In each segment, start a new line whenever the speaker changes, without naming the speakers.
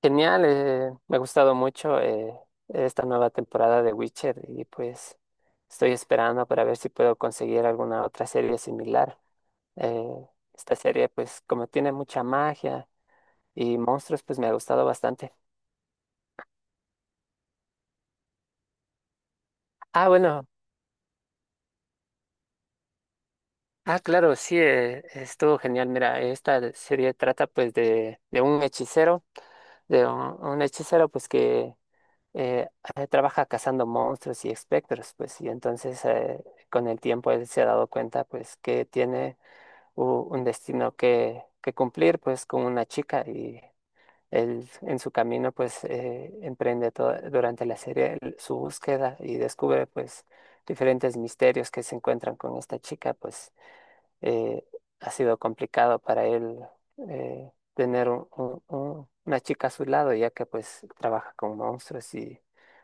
Genial, me ha gustado mucho, esta nueva temporada de Witcher, y pues estoy esperando para ver si puedo conseguir alguna otra serie similar. Eh, Esta serie pues como tiene mucha magia y monstruos pues me ha gustado bastante. Ah, bueno, ah, claro, sí, estuvo genial. Mira, esta serie trata pues de un hechicero, de un hechicero pues que eh, trabaja cazando monstruos y espectros, pues, y entonces, con el tiempo él se ha dado cuenta, pues, que tiene un destino que cumplir, pues, con una chica, y él en su camino, pues, emprende durante la serie su búsqueda y descubre, pues, diferentes misterios que se encuentran con esta chica. Pues eh, ha sido complicado para él, tener una chica a su lado, ya que pues trabaja con monstruos y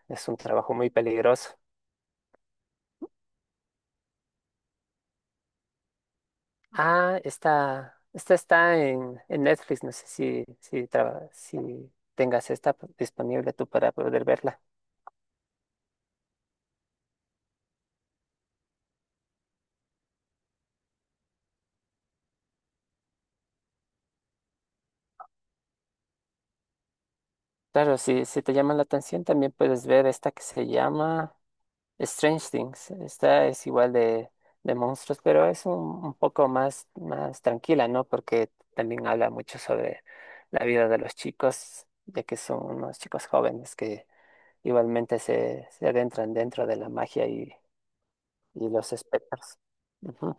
es un trabajo muy peligroso. Ah, esta está en Netflix. No sé si, si, si tengas esta disponible tú para poder verla. Claro, si, si te llama la atención, también puedes ver esta que se llama Strange Things. Esta es igual de monstruos, pero es un poco más, más tranquila, ¿no? Porque también habla mucho sobre la vida de los chicos, ya que son unos chicos jóvenes que igualmente se adentran dentro de la magia, y los espectros. Ujú.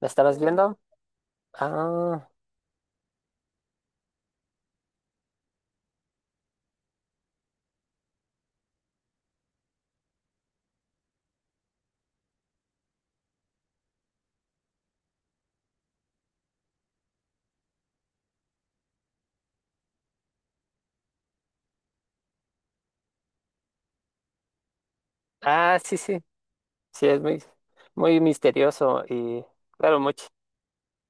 ¿La estabas viendo? Ah, ah, sí, sí. Sí, es muy, muy misterioso y, claro, mucho.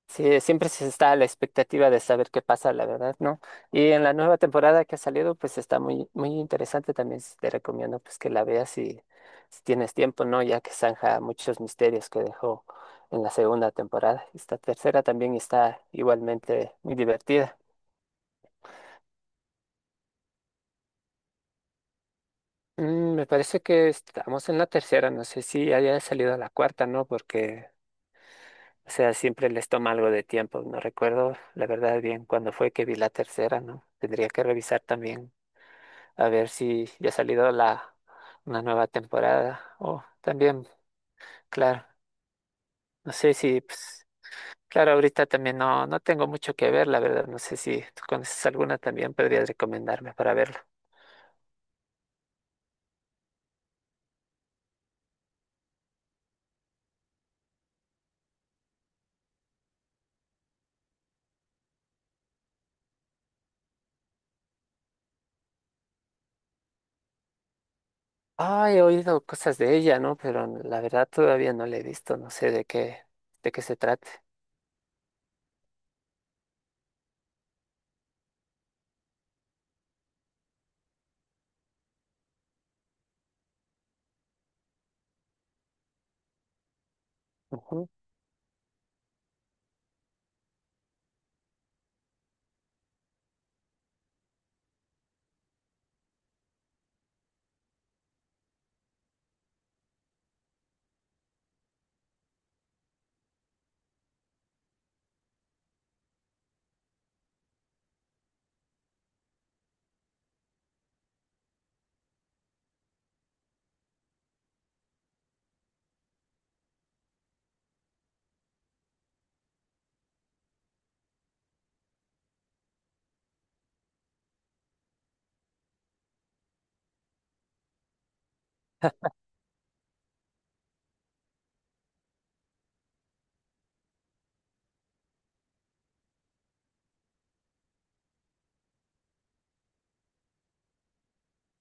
Sí, siempre se está a la expectativa de saber qué pasa, la verdad, ¿no? Y en la nueva temporada que ha salido, pues está muy, muy interesante también. Te recomiendo pues que la veas si, si tienes tiempo, ¿no? Ya que zanja muchos misterios que dejó en la segunda temporada. Esta tercera también está igualmente muy divertida. Mm, me parece que estamos en la tercera, no sé si haya salido la cuarta, ¿no? Porque, o sea, siempre les toma algo de tiempo. No recuerdo, la verdad, bien cuándo fue que vi la tercera, ¿no? Tendría que revisar también a ver si ya ha salido la, una nueva temporada. O también, claro, no sé si, pues, claro, ahorita también no, no tengo mucho que ver, la verdad. No sé si tú conoces alguna también, podrías recomendarme para verla. Ah, he oído cosas de ella, ¿no? Pero la verdad todavía no la he visto, no sé de qué se trate. Ujú.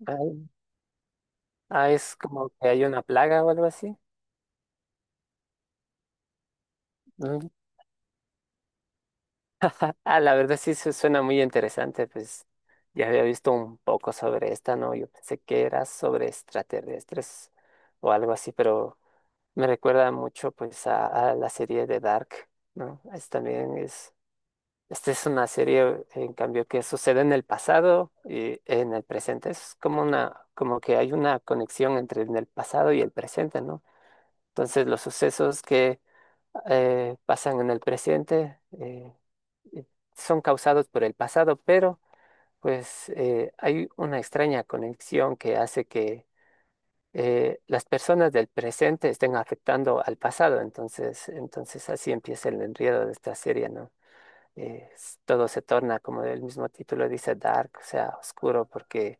Ah, ah, es como que hay una plaga o algo así. Ah, la verdad sí se suena muy interesante, pues ya había visto un poco sobre esta, ¿no? Yo pensé que era sobre extraterrestres o algo así, pero me recuerda mucho pues a la serie de Dark, ¿no? Es también es, esta es una serie en cambio que sucede en el pasado y en el presente. Es como una, como que hay una conexión entre en el pasado y el presente, ¿no? Entonces los sucesos que pasan en el presente eh, son causados por el pasado, pero pues hay una extraña conexión que hace que las personas del presente estén afectando al pasado. Entonces así empieza el enredo de esta serie, ¿no? Todo se torna, como el mismo título dice, dark, o sea, oscuro, porque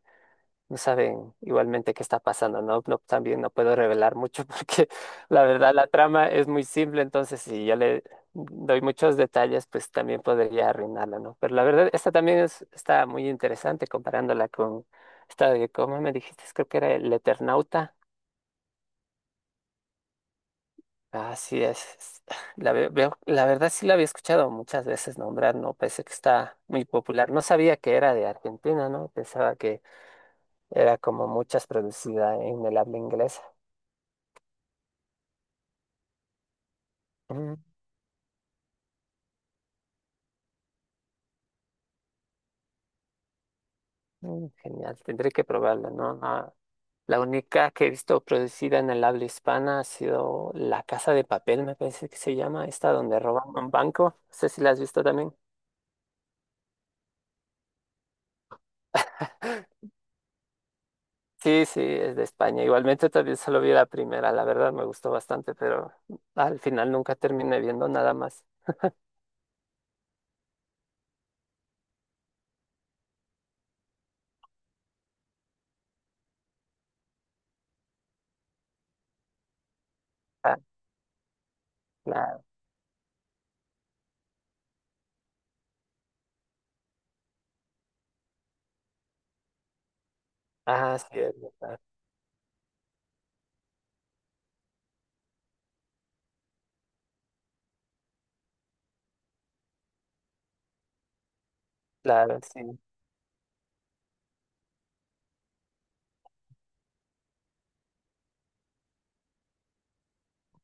no saben igualmente qué está pasando, ¿no? No, también no puedo revelar mucho porque la verdad la trama es muy simple, entonces si yo le doy muchos detalles, pues también podría arruinarla, ¿no? Pero la verdad, esta también es, está muy interesante comparándola con esta de, ¿cómo me dijiste? Creo que era El Eternauta. Así es. La, la verdad sí la había escuchado muchas veces nombrar, ¿no? Pensé que está muy popular. No sabía que era de Argentina, ¿no? Pensaba que era como muchas producida en el habla inglesa. Mm. Mm, genial, tendré que probarla, ¿no? Ah, la única que he visto producida en el habla hispana ha sido La Casa de Papel, me parece que se llama, esta donde roban un banco. No sé si la has visto también. Sí, sí, es de España. Igualmente también solo vi la primera, la verdad me gustó bastante, pero al final nunca terminé viendo nada más. Ah, claro. Ah, sí, es verdad. Claro, sí.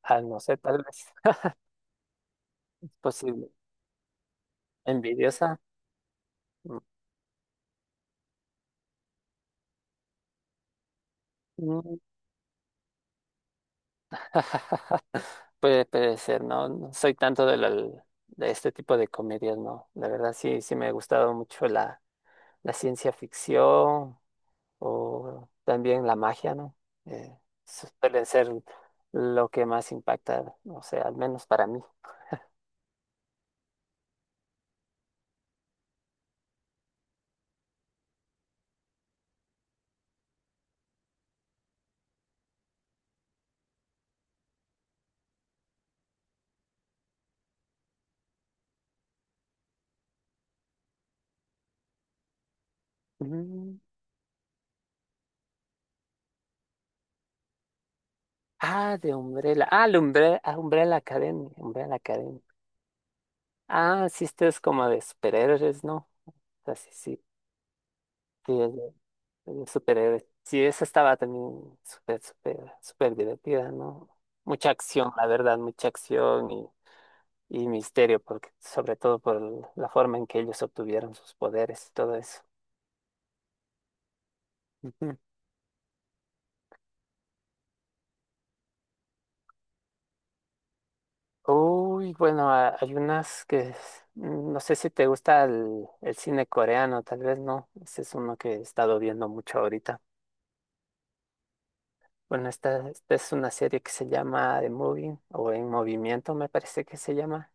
Ah, no sé, tal vez es posible. ¿Envidiosa? Mm. Mm. Puede, puede ser, ¿no? No soy tanto de este tipo de comedias, ¿no? La verdad sí, sí me ha gustado mucho la, la ciencia ficción, o también la magia, ¿no? Eh, Suelen ser lo que más impacta, o sea, al menos para mí. Mm. Ah, de Umbrella. Ah, la Umbrella, ah, Umbrella Academy. Umbrella Academy. Ah, sí, esto es como de superhéroes, ¿no? O sea, sí, sí. Un superhéroe. Sí, esa estaba también súper, súper, súper divertida, ¿no? Mucha acción, la verdad, mucha acción, y misterio, porque, sobre todo por la forma en que ellos obtuvieron sus poderes y todo eso. Ujú. Uy, bueno, hay unas que no sé si te gusta el cine coreano, tal vez no. Ese es uno que he estado viendo mucho ahorita. Bueno, esta es una serie que se llama The Moving o En Movimiento, me parece que se llama.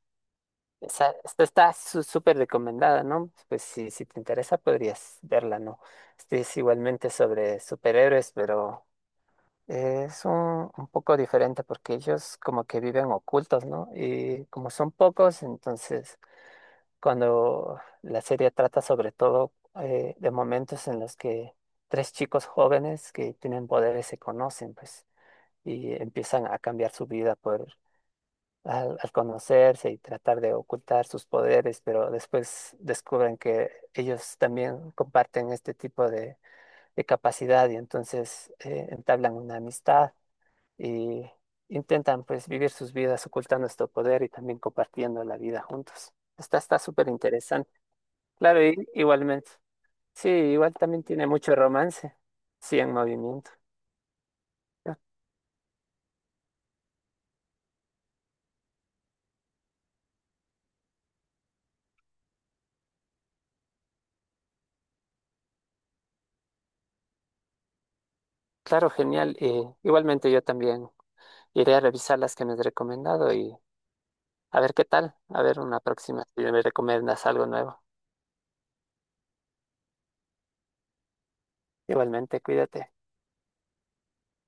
Esta está súper recomendada, ¿no? Pues si, si te interesa podrías verla, ¿no? Este es igualmente sobre superhéroes, pero es un poco diferente porque ellos como que viven ocultos, ¿no? Y como son pocos, entonces cuando la serie trata sobre todo, de momentos en los que tres chicos jóvenes que tienen poderes se conocen, pues, y empiezan a cambiar su vida por al conocerse y tratar de ocultar sus poderes, pero después descubren que ellos también comparten este tipo de capacidad, y entonces entablan una amistad, y intentan pues vivir sus vidas ocultando este poder, y también compartiendo la vida juntos. Está, está súper interesante. Claro, igualmente. Sí, igual también tiene mucho romance. Sí, en movimiento. Ah, claro, genial. Igualmente yo también iré a revisar las que me has recomendado, y a ver qué tal, a ver una próxima si me recomiendas algo nuevo. Igualmente, cuídate.